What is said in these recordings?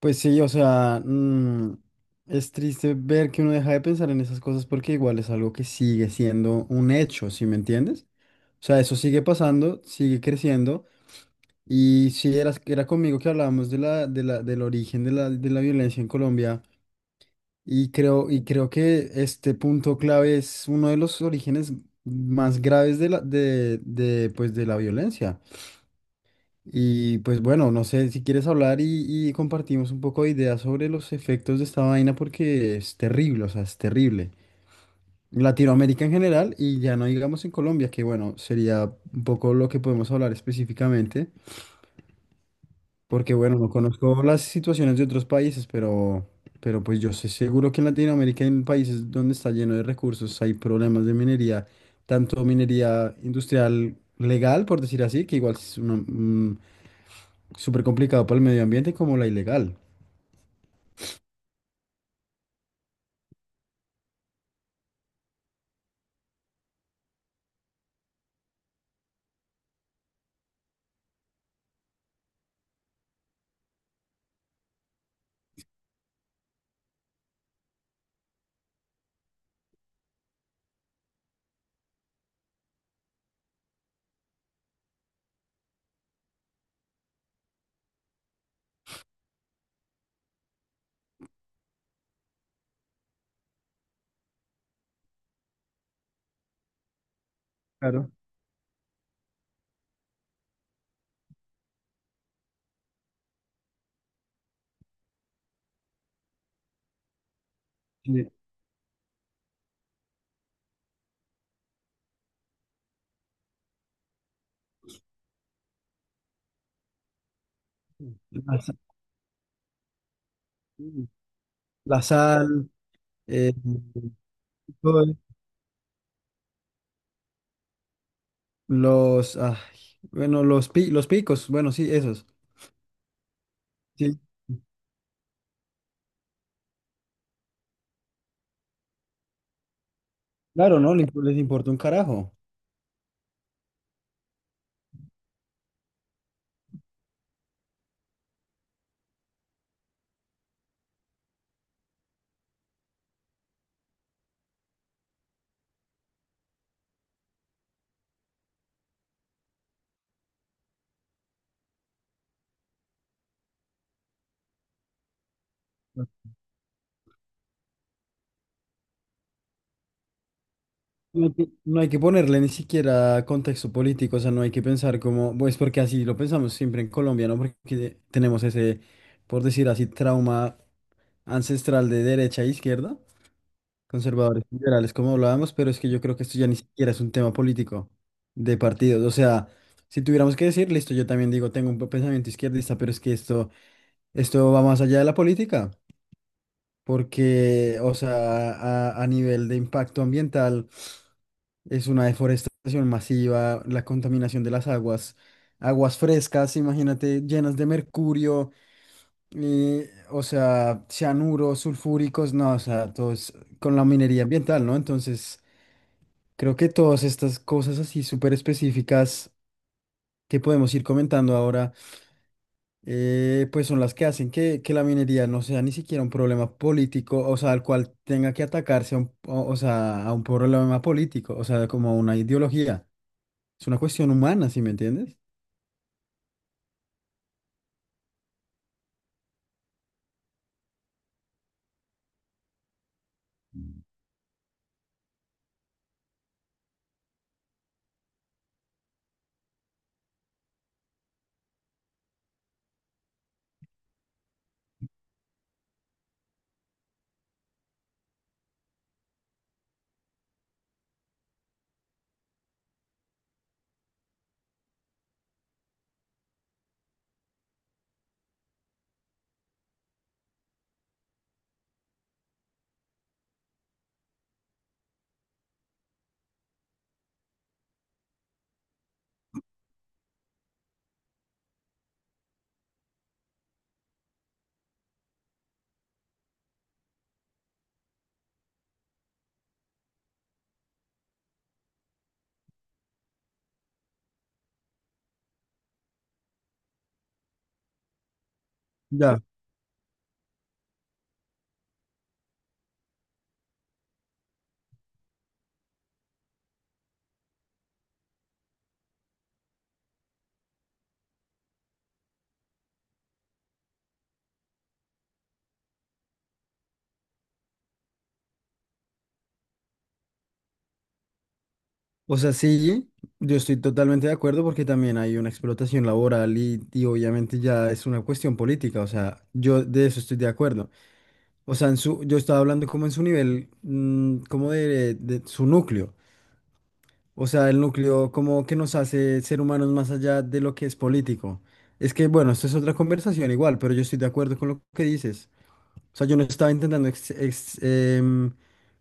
Pues sí, o sea, es triste ver que uno deja de pensar en esas cosas porque igual es algo que sigue siendo un hecho, ¿sí me entiendes? O sea, eso sigue pasando, sigue creciendo. Y sí, era conmigo que hablábamos de del origen de la violencia en Colombia. Y creo que este punto clave es uno de los orígenes más graves de pues, de la violencia. Y pues bueno, no sé si quieres hablar y compartimos un poco de ideas sobre los efectos de esta vaina porque es terrible, o sea, es terrible. En Latinoamérica en general y ya no digamos en Colombia, que bueno, sería un poco lo que podemos hablar específicamente, porque bueno, no conozco las situaciones de otros países, pero pues yo sé seguro que en Latinoamérica, en países donde está lleno de recursos, hay problemas de minería, tanto minería industrial legal, por decir así, que igual es una, súper complicado para el medio ambiente como la ilegal. Claro. eh, La, la sal, eh, todo. Los, ay, bueno, los, los picos, bueno, sí, esos. Sí, claro, ¿no? Les importa un carajo. No hay que, no hay que ponerle ni siquiera contexto político, o sea, no hay que pensar como, pues porque así lo pensamos siempre en Colombia, ¿no? Porque tenemos ese, por decir así, trauma ancestral de derecha e izquierda. Conservadores y liberales, como hablábamos, pero es que yo creo que esto ya ni siquiera es un tema político de partidos. O sea, si tuviéramos que decir, listo, yo también digo, tengo un pensamiento izquierdista, pero es que esto va más allá de la política, porque, o sea, a nivel de impacto ambiental, es una deforestación masiva, la contaminación de las aguas, aguas frescas, imagínate, llenas de mercurio, o sea, cianuros, sulfúricos, no, o sea, todo es con la minería ambiental, ¿no? Entonces... Creo que todas estas cosas así súper específicas que podemos ir comentando ahora, pues son las que hacen que la minería no sea ni siquiera un problema político, o sea, al cual tenga que atacarse a un, o sea, a un problema político, o sea, como a una ideología. Es una cuestión humana, ¿sí me entiendes? Ya. O sea, sí, yo estoy totalmente de acuerdo porque también hay una explotación laboral y obviamente ya es una cuestión política, o sea, yo de eso estoy de acuerdo. O sea, en su, yo estaba hablando como en su nivel, como de su núcleo. O sea, el núcleo como que nos hace ser humanos más allá de lo que es político. Es que, bueno, esto es otra conversación igual, pero yo estoy de acuerdo con lo que dices. O sea, yo no estaba intentando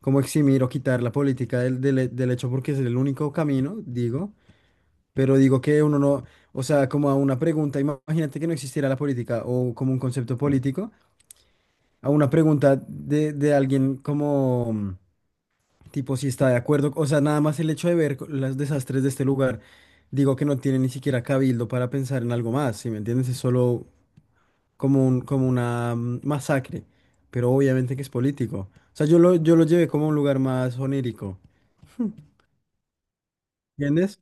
como eximir o quitar la política del hecho porque es el único camino, digo. Pero digo que uno no, o sea, como a una pregunta, imagínate que no existiera la política o como un concepto político, a una pregunta de alguien como... Tipo, si está de acuerdo, o sea, nada más el hecho de ver los desastres de este lugar, digo que no tiene ni siquiera cabildo para pensar en algo más, ¿sí me entiendes? Es solo como un, como una masacre, pero obviamente que es político. O sea, yo lo llevé como a un lugar más onírico, ¿entiendes?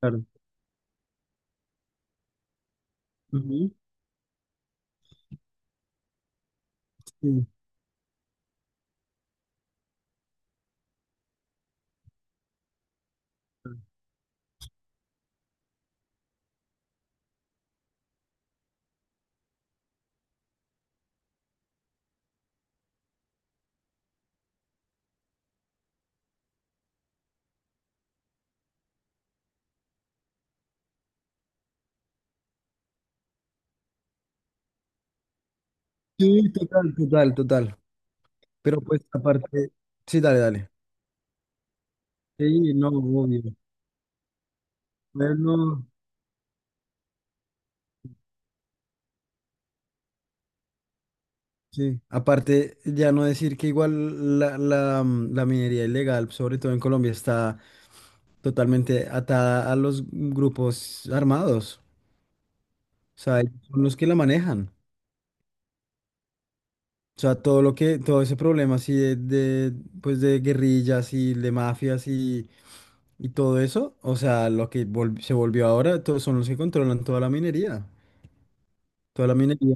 Claro. Ujú. Sí. Sí, total, total, total. Pero pues aparte, sí, dale, dale. Sí, no, obvio. Bueno. Sí, aparte, ya no decir que igual la, la minería ilegal, sobre todo en Colombia, está totalmente atada a los grupos armados. O sea, ellos son los que la manejan. O sea, todo lo que, todo ese problema así de, pues de guerrillas y de mafias y todo eso, o sea, lo que se volvió ahora, todos son los que controlan toda la minería. Toda la minería,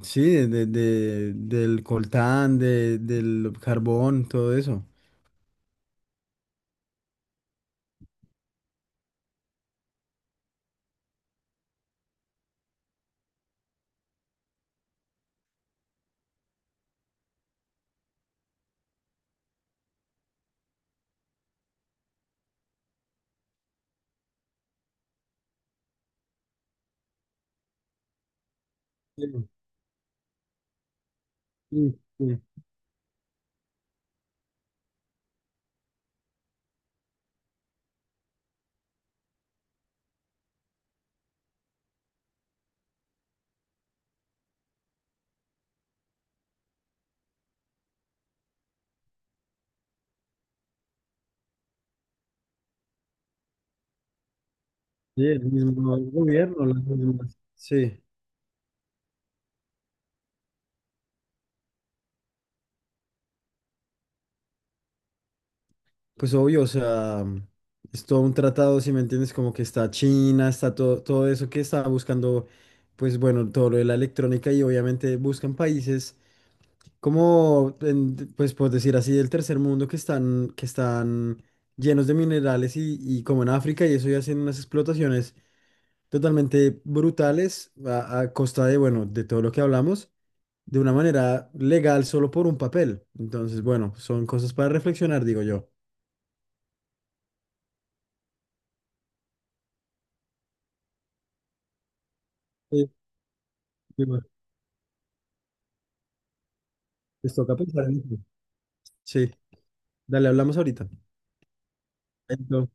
sí, de, del coltán, de, del carbón, todo eso. Sí, sí, sí, el mismo gobierno, las mismas. Sí, pues obvio, o sea, es todo un tratado, si me entiendes, como que está China, está todo, todo eso que está buscando, pues bueno, todo lo de la electrónica y obviamente buscan países como, pues por decir así, del tercer mundo que están llenos de minerales y como en África y eso ya hacen unas explotaciones totalmente brutales a costa de, bueno, de todo lo que hablamos. De una manera legal solo por un papel. Entonces, bueno, son cosas para reflexionar, digo yo. Sí, sí, bueno, les toca pensar en eso. Sí, dale, hablamos ahorita. Entonces,